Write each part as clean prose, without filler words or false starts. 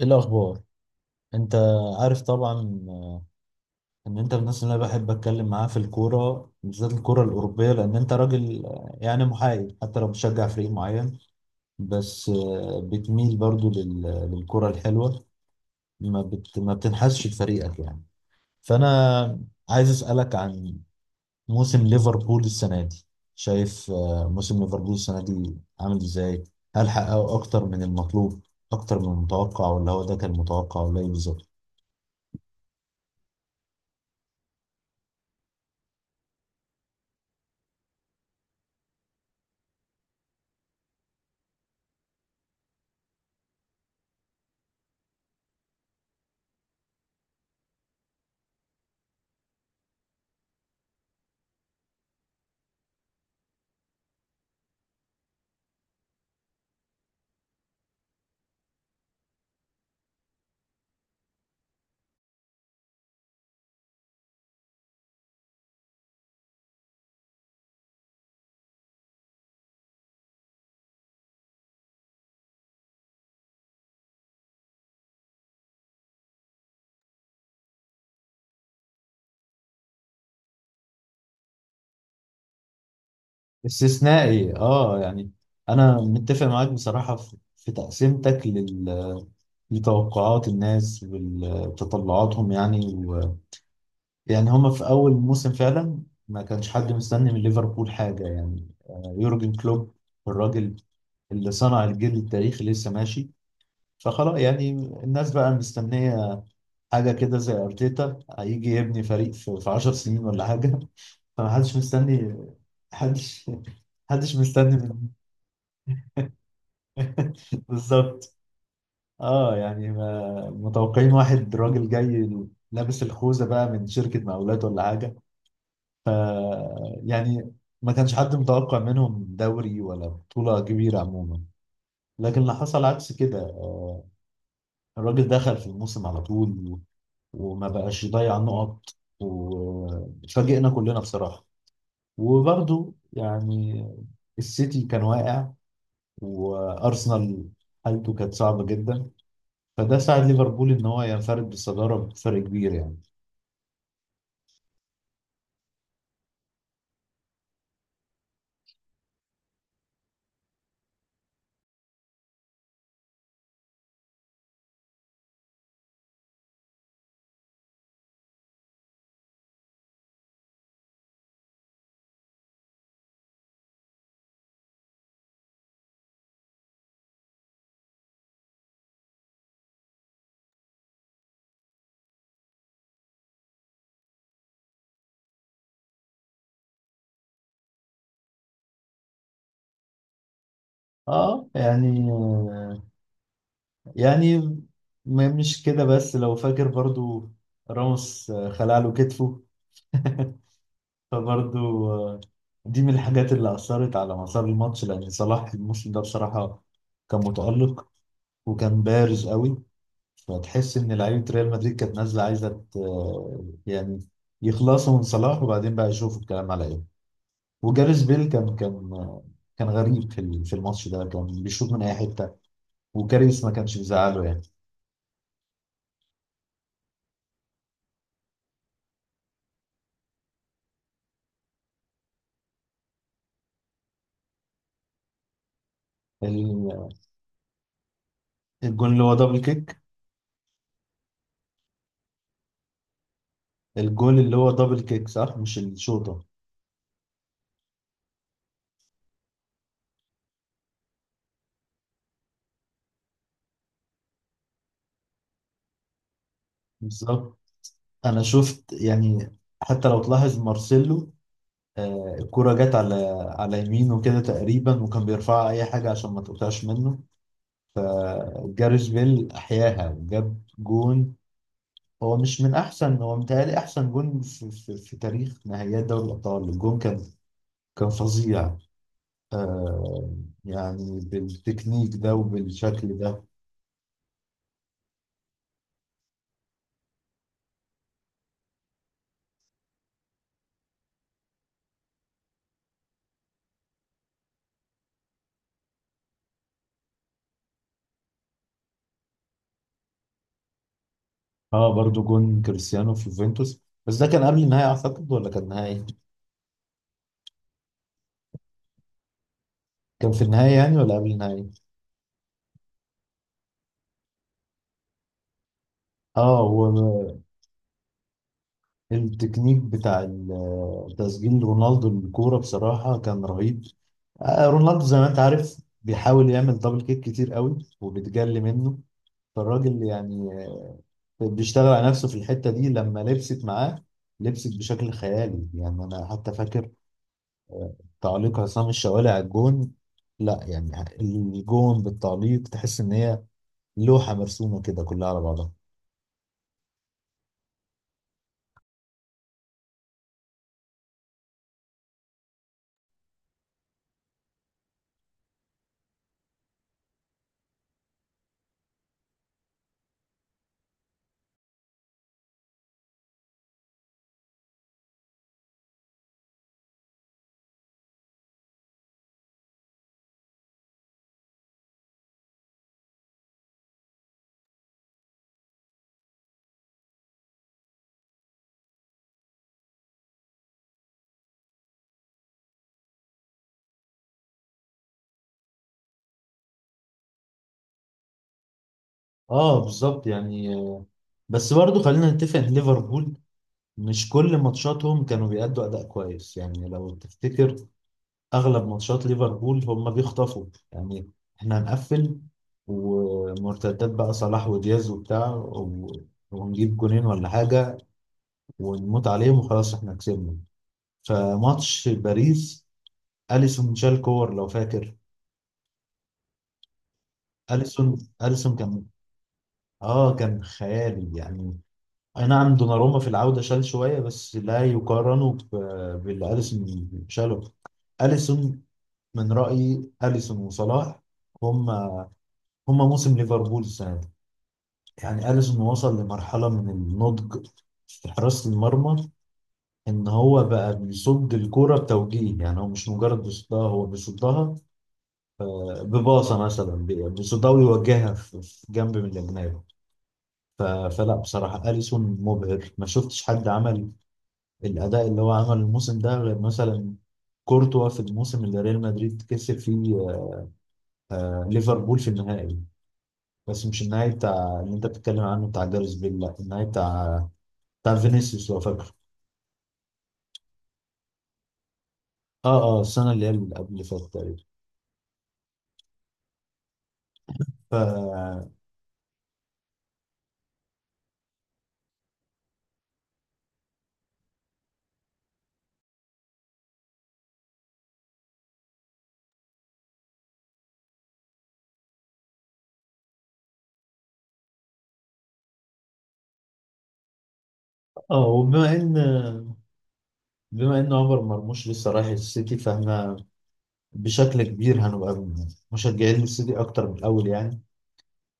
ايه الاخبار؟ انت عارف طبعا ان انت من الناس اللي انا بحب اتكلم معاها في الكوره، بالذات الكوره الاوروبيه، لان انت راجل، يعني محايد حتى لو بتشجع فريق معين. بس بتميل برضو للكوره الحلوه. ما بتنحازش لفريقك يعني. فانا عايز اسالك عن موسم ليفربول السنه دي. شايف موسم ليفربول السنه دي عامل ازاي؟ هل حققوا اكتر من المطلوب، اكتر من المتوقع، ولا هو ده كان متوقع، ولا ايه بالظبط؟ استثنائي، اه، يعني انا متفق معاك بصراحة في تقسيمتك لتوقعات الناس وتطلعاتهم يعني يعني هما في اول موسم فعلا ما كانش حد مستني من ليفربول حاجة. يعني يورجن كلوب، الراجل اللي صنع الجيل التاريخي لسه ماشي، فخلاص يعني الناس بقى مستنية حاجة كده، زي ارتيتا هيجي يبني فريق في 10 سنين ولا حاجة. فمحدش مستني، محدش محدش مستني. بالظبط. اه، يعني ما متوقعين واحد راجل جاي لابس الخوذه بقى من شركه مقاولات ولا حاجه. ف يعني ما كانش حد متوقع منهم دوري ولا بطوله كبيره عموما. لكن اللي حصل عكس كده، الراجل دخل في الموسم على طول وما بقاش يضيع نقط، واتفاجئنا كلنا بصراحه. وبرضه يعني السيتي كان واقع، وارسنال حالته كانت صعبه جدا، فده ساعد ليفربول ان هو ينفرد بالصداره بفرق كبير يعني. اه يعني يعني ما مش كده، بس لو فاكر برضو راموس خلع له كتفه، فبرضو دي من الحاجات اللي أثرت على مسار الماتش، لأن صلاح الموسم ده بصراحة كان متألق وكان بارز قوي. فتحس إن لعيبة ريال مدريد كانت نازلة عايزة يعني يخلصوا من صلاح وبعدين بقى يشوفوا الكلام على إيه. وجاريث بيل كان كان غريب في الماتش ده، كان بيشوط من اي حته، وكاريس ما كانش بيزعله يعني. ال- الجون اللي هو دبل كيك. الجون اللي هو دبل كيك، صح؟ مش الشوطه؟ بالظبط. انا شفت يعني، حتى لو تلاحظ مارسيلو، الكرة جت على يمينه كده تقريبا، وكان بيرفعها اي حاجه عشان ما تقطعش منه. جاريث بيل احياها وجاب جون. هو مش من احسن، هو متهيألي احسن جون في تاريخ نهائيات دوري الابطال. الجون كان فظيع آه يعني، بالتكنيك ده وبالشكل ده. اه، برضو جون كريستيانو في يوفنتوس، بس ده كان قبل النهاية أعتقد ولا كان نهائي؟ كان في النهاية يعني ولا قبل النهاية؟ اه، هو التكنيك بتاع تسجيل رونالدو الكورة بصراحة كان رهيب. آه، رونالدو زي ما أنت عارف بيحاول يعمل دبل كيك كتير قوي وبتجلي منه، فالراجل يعني بيشتغل على نفسه في الحتة دي. لما لبست معاه لبست بشكل خيالي يعني. أنا حتى فاكر تعليق عصام الشوالي على الجون. لا يعني الجون بالتعليق تحس ان هي لوحة مرسومة كده كلها على بعضها. اه، بالظبط يعني. بس برضو خلينا نتفق ان ليفربول مش كل ماتشاتهم كانوا بيأدوا أداء كويس، يعني لو تفتكر أغلب ماتشات ليفربول هم بيخطفوا. يعني احنا هنقفل، ومرتدات بقى صلاح ودياز وبتاع ونجيب جونين ولا حاجة، ونموت عليهم وخلاص احنا كسبنا. فماتش باريس، اليسون شالكور لو فاكر. اليسون كان خيالي يعني. اي نعم دوناروما في العودة شال شوية، بس لا يقارنوا باللي اليسون شاله. اليسون، من رأيي اليسون وصلاح هم هم موسم ليفربول السنة دي. يعني اليسون وصل لمرحلة من النضج في حراسة المرمى، ان هو بقى بيصد الكرة بتوجيه. يعني هو مش مجرد بيصدها، هو بيصدها بباصة مثلا، بصداوي يوجهها في جنب من الأجنبي. ف- فلا بصراحة أليسون مبهر، ما شفتش حد عمل الأداء اللي هو عمله الموسم ده، غير مثلا كورتوا في الموسم اللي ريال مدريد كسب فيه ليفربول في النهائي. بس مش النهائي بتاع اللي انت بتتكلم عنه بتاع جاريث بيل، لا النهائي بتاع فينيسيوس لو فاكره. اه، اه، السنة اللي هي اللي قبل اللي فاتت تقريبا. ف اه، وبما ان بما ان عمر مرموش لسه رايح السيتي، فاحنا بشكل كبير هنبقى مشجعين للسيتي اكتر من الاول يعني.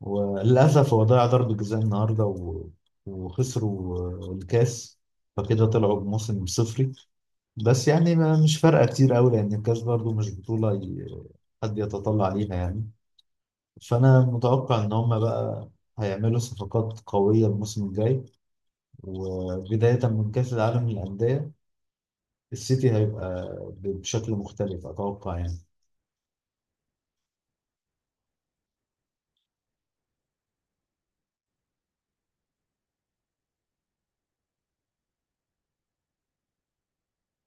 وللاسف هو ضيع ضربة جزاء النهارده وخسروا الكاس، فكده طلعوا بموسم صفري. بس يعني ما مش فارقه كتير قوي، لان الكاس برضو مش بطوله حد يتطلع ليها يعني. فانا متوقع ان هم بقى هيعملوا صفقات قويه الموسم الجاي، وبدايه من كاس العالم للانديه السيتي هيبقى بشكل مختلف اتوقع يعني.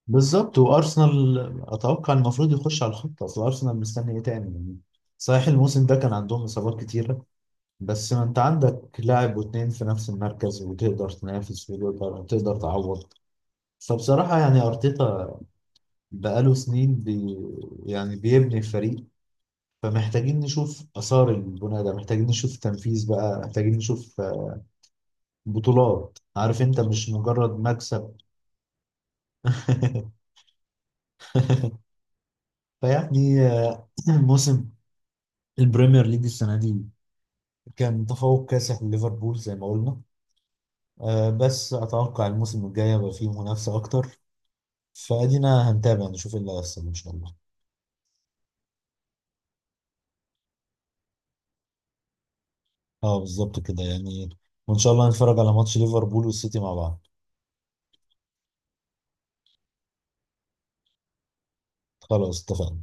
بالظبط. وارسنال اتوقع المفروض يخش على الخط، اصل ارسنال مستني ايه تاني يعني؟ صحيح الموسم ده كان عندهم اصابات كتيره، بس ما انت عندك لاعب واتنين في نفس المركز، وتقدر تنافس، وتقدر تعوض. فبصراحه يعني ارتيتا بقاله سنين يعني بيبني الفريق، فمحتاجين نشوف اثار البناء ده، محتاجين نشوف تنفيذ بقى، محتاجين نشوف بطولات. عارف انت مش مجرد مكسب. فيعني موسم البريمير ليج السنه دي كان تفوق كاسح لليفربول زي ما قلنا، بس أتوقع الموسم الجاي يبقى فيه منافسة أكتر، فأدينا هنتابع نشوف إيه اللي هيحصل إن شاء الله. أه، بالظبط كده يعني. وإن شاء الله نتفرج على ماتش ليفربول والسيتي مع بعض. خلاص اتفقنا.